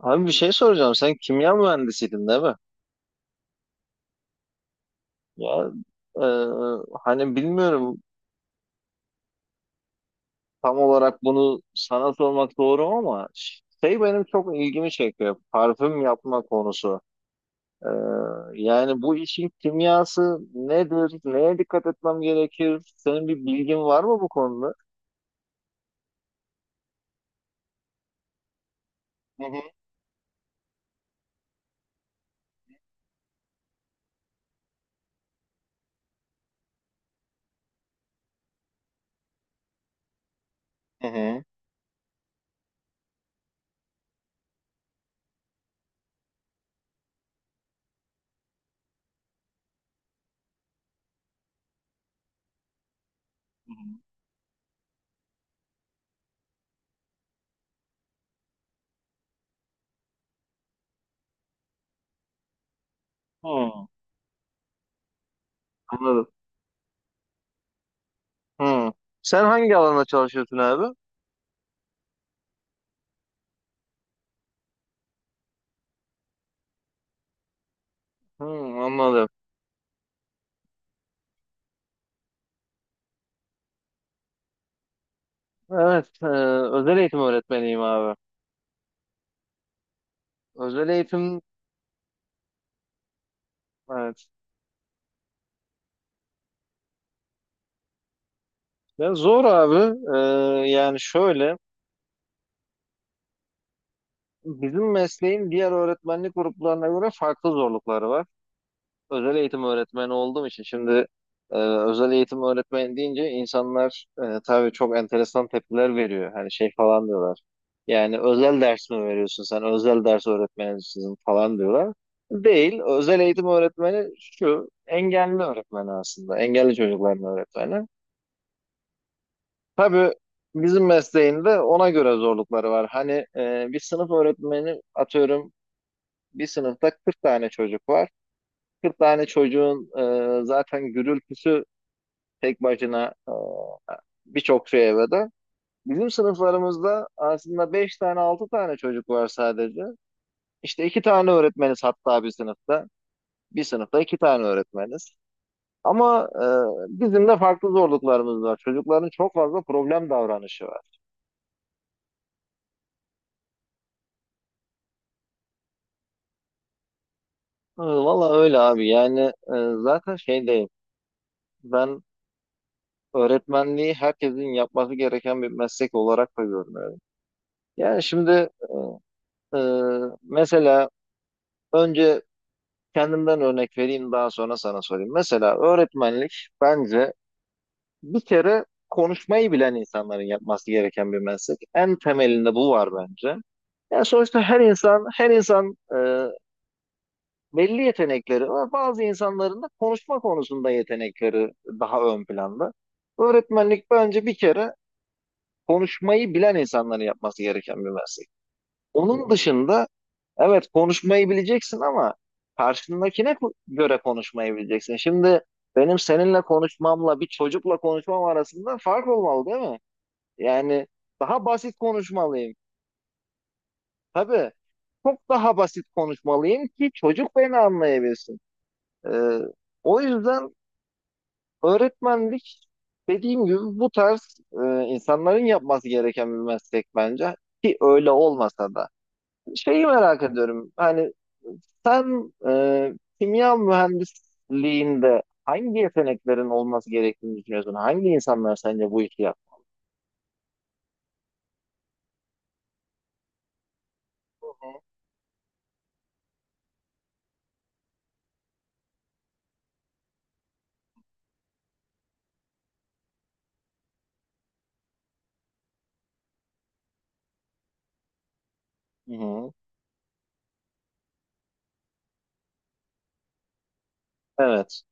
Abi bir şey soracağım. Sen kimya mühendisiydin değil mi? Ya e, bilmiyorum tam olarak bunu sana sormak doğru mu ama benim çok ilgimi çekiyor. Parfüm yapma konusu. E, Yani bu işin kimyası nedir? Neye dikkat etmem gerekir? Senin bir bilgin var mı bu konuda? Hı hı. Hı hı. Hı, anladım. Hı. Sen hangi alanda çalışıyorsun abi? Hı, anladım. Evet, özel eğitim öğretmeniyim abi. Özel eğitim, evet. Ya zor abi. Yani şöyle, bizim mesleğin diğer öğretmenlik gruplarına göre farklı zorlukları var. Özel eğitim öğretmeni olduğum için şimdi özel eğitim öğretmeni deyince insanlar, tabii çok enteresan tepkiler veriyor. Hani şey falan diyorlar. Yani özel ders mi veriyorsun sen? Özel ders öğretmenisin falan diyorlar. Değil. Özel eğitim öğretmeni şu engelli öğretmeni aslında. Engelli çocukların öğretmeni. Tabii bizim mesleğinde ona göre zorlukları var. Hani bir sınıf öğretmeni atıyorum, bir sınıfta 40 tane çocuk var. 40 tane çocuğun zaten gürültüsü tek başına, birçok şey evde. Bizim sınıflarımızda aslında 5 tane 6 tane çocuk var sadece. İşte 2 tane öğretmeniz hatta bir sınıfta. Bir sınıfta 2 tane öğretmeniz. Ama bizim de farklı zorluklarımız var. Çocukların çok fazla problem davranışı var. Valla öyle abi, yani zaten şey değil, ben öğretmenliği herkesin yapması gereken bir meslek olarak da görmüyorum. Yani şimdi, e, mesela önce kendimden örnek vereyim, daha sonra sana sorayım. Mesela öğretmenlik bence bir kere konuşmayı bilen insanların yapması gereken bir meslek. En temelinde bu var bence. Yani sonuçta her insan, belli yetenekleri var. Bazı insanların da konuşma konusunda yetenekleri daha ön planda. Öğretmenlik bence bir kere konuşmayı bilen insanların yapması gereken bir meslek. Onun dışında, evet, konuşmayı bileceksin ama karşındakine göre konuşmayı bileceksin. Şimdi benim seninle konuşmamla bir çocukla konuşmam arasında fark olmalı değil mi? Yani daha basit konuşmalıyım. Tabii çok daha basit konuşmalıyım ki çocuk beni anlayabilsin. Ee, O yüzden öğretmenlik, dediğim gibi, bu tarz insanların yapması gereken bir meslek bence, ki öyle olmasa da. Şeyi merak ediyorum, hani sen, kimya mühendisliğinde hangi yeteneklerin olması gerektiğini düşünüyorsun? Hangi insanlar sence bu işi yap? Hı hı. Evet.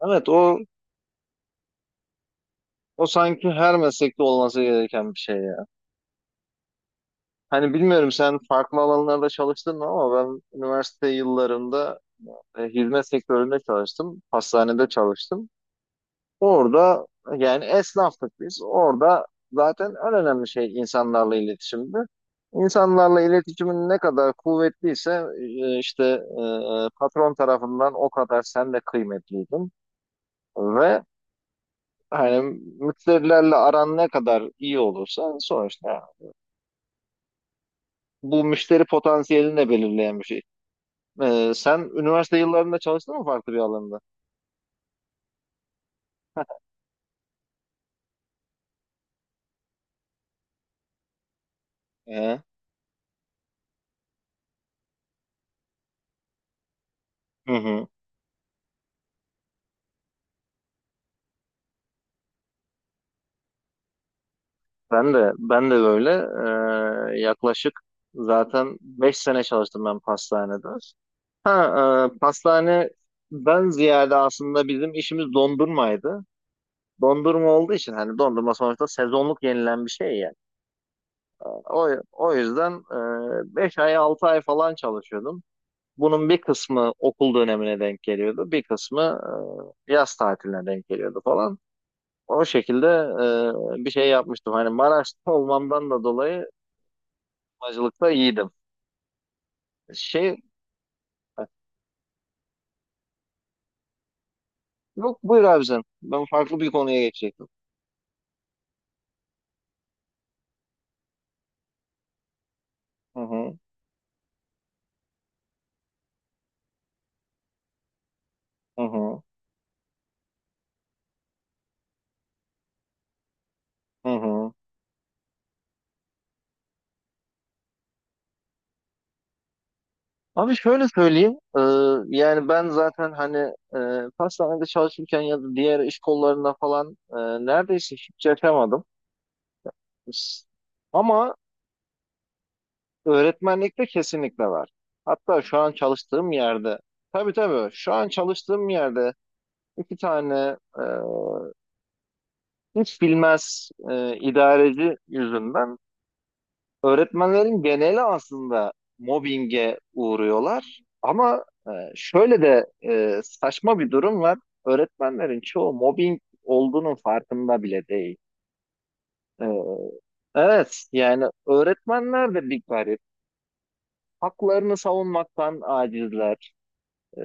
Evet, o sanki her meslekte olması gereken bir şey ya. Hani bilmiyorum sen farklı alanlarda çalıştın mı ama ben üniversite yıllarında, hizmet sektöründe çalıştım. Hastanede çalıştım. Orada, yani esnaftık biz. Orada zaten en önemli şey insanlarla iletişimdi. İnsanlarla iletişimin ne kadar kuvvetliyse, patron tarafından o kadar sen de kıymetliydin. Ve hani müşterilerle aran ne kadar iyi olursa sonuçta bu müşteri potansiyelini de belirleyen bir şey. Sen üniversite yıllarında çalıştın mı farklı bir alanda? Ee, Hı hı. Ben de böyle, yaklaşık zaten 5 sene çalıştım ben pastanede. Ha, pastane ben ziyade aslında bizim işimiz dondurmaydı. Dondurma olduğu için hani dondurma sonuçta sezonluk yenilen bir şey yani. O yüzden 5 ay 6 ay falan çalışıyordum. Bunun bir kısmı okul dönemine denk geliyordu. Bir kısmı yaz tatiline denk geliyordu falan. O şekilde bir şey yapmıştım. Hani Maraş'ta olmamdan da dolayı acılıkta iyiydim. Şey, yok buyur abi sen. Ben farklı bir konuya geçecektim. Hı hı, hı hı, hı hı. Abi şöyle söyleyeyim. Yani ben zaten hani pastanede çalışırken ya da diğer iş kollarında falan, neredeyse hiç yaşamadım. S- Ama öğretmenlikte kesinlikle var. Hatta şu an çalıştığım yerde. Tabii tabii, şu an çalıştığım yerde iki tane hiç bilmez idareci yüzünden öğretmenlerin geneli aslında mobbinge uğruyorlar. Ama şöyle de saçma bir durum var. Öğretmenlerin çoğu mobbing olduğunun farkında bile değil. E, evet, yani öğretmenler de bir garip. Haklarını savunmaktan acizler. E,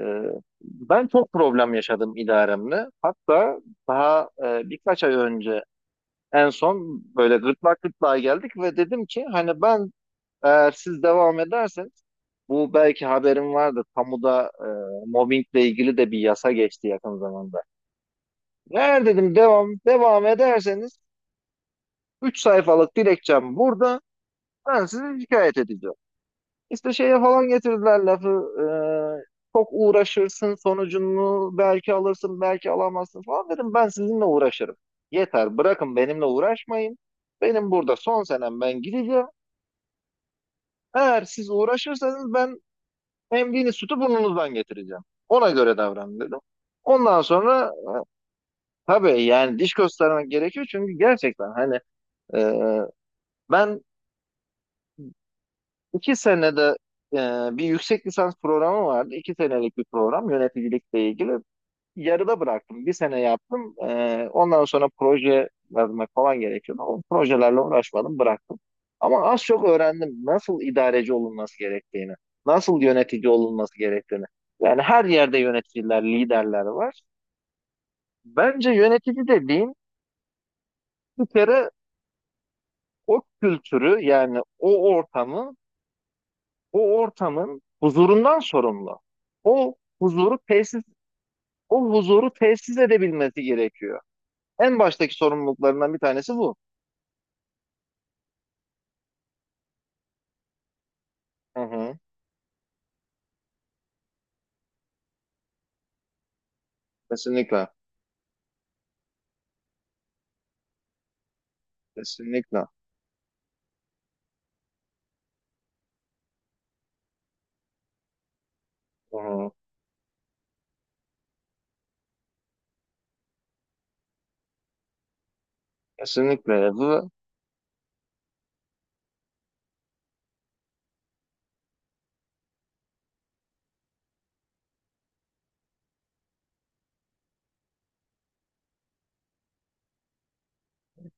Ben çok problem yaşadım idaremle. Hatta daha birkaç ay önce en son böyle gırtlak gırtlağa geldik ve dedim ki, hani ben, eğer siz devam ederseniz, bu belki haberim vardır. Kamuda mobbingle ilgili de bir yasa geçti yakın zamanda. Eğer dedim devam ederseniz, 3 sayfalık dilekçem burada. Ben sizi şikayet edeceğim. İşte şeye falan getirdiler lafı. Çok uğraşırsın, sonucunu belki alırsın belki alamazsın falan dedim. Ben sizinle uğraşırım. Yeter, bırakın benimle uğraşmayın. Benim burada son senem, ben gideceğim. Eğer siz uğraşırsanız, ben emdiğiniz sütü burnunuzdan getireceğim. Ona göre davranın dedim. Ondan sonra tabii, yani diş göstermek gerekiyor çünkü gerçekten hani e, ben iki senede, e, bir yüksek lisans programı vardı. İki senelik bir program, yöneticilikle ilgili, yarıda bıraktım. Bir sene yaptım. Ondan sonra proje yazmak falan gerekiyordu. O projelerle uğraşmadım, bıraktım. Ama az çok öğrendim nasıl idareci olunması gerektiğini, nasıl yönetici olunması gerektiğini. Yani her yerde yöneticiler, liderler var. Bence yönetici dediğin, bir kere, o kültürü, yani o ortamı, o ortamın huzurundan sorumlu. O huzuru tesis, o huzuru tesis edebilmesi gerekiyor. En baştaki sorumluluklarından bir tanesi bu. Hı hı. Kesinlikle. Kesinlikle. Hı hı. Kesinlikle. Bu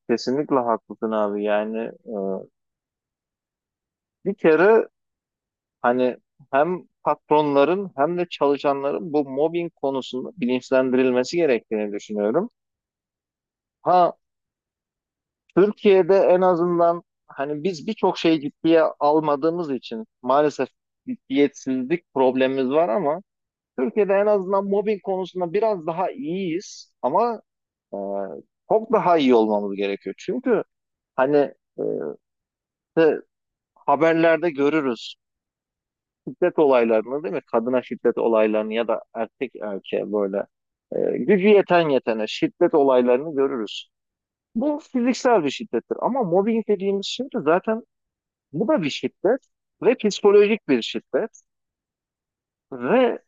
kesinlikle haklısın abi. Yani e, bir kere hani hem patronların hem de çalışanların bu mobbing konusunda bilinçlendirilmesi gerektiğini düşünüyorum. Ha, Türkiye'de en azından, hani biz birçok şeyi ciddiye almadığımız için maalesef ciddiyetsizlik problemimiz var ama Türkiye'de en azından mobbing konusunda biraz daha iyiyiz ama e, çok daha iyi olmamız gerekiyor. Çünkü hani e, işte haberlerde görürüz şiddet olaylarını değil mi? Kadına şiddet olaylarını ya da erkek erkeğe böyle, gücü yeten yetene şiddet olaylarını görürüz. Bu fiziksel bir şiddettir ama mobbing dediğimiz şey de zaten bu da bir şiddet, ve psikolojik bir şiddet, ve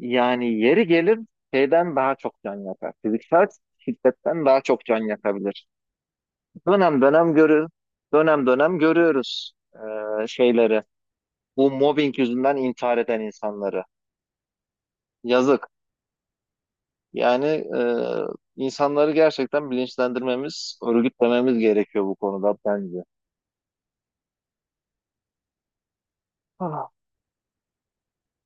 yani yeri gelir şeyden daha çok can yakar. Fiziksel şiddetten daha çok can yakabilir. Dönem dönem görür, dönem dönem görüyoruz şeyleri, bu mobbing yüzünden intihar eden insanları. Yazık. Yani insanları gerçekten bilinçlendirmemiz, örgütlememiz gerekiyor bu konuda bence. Ah.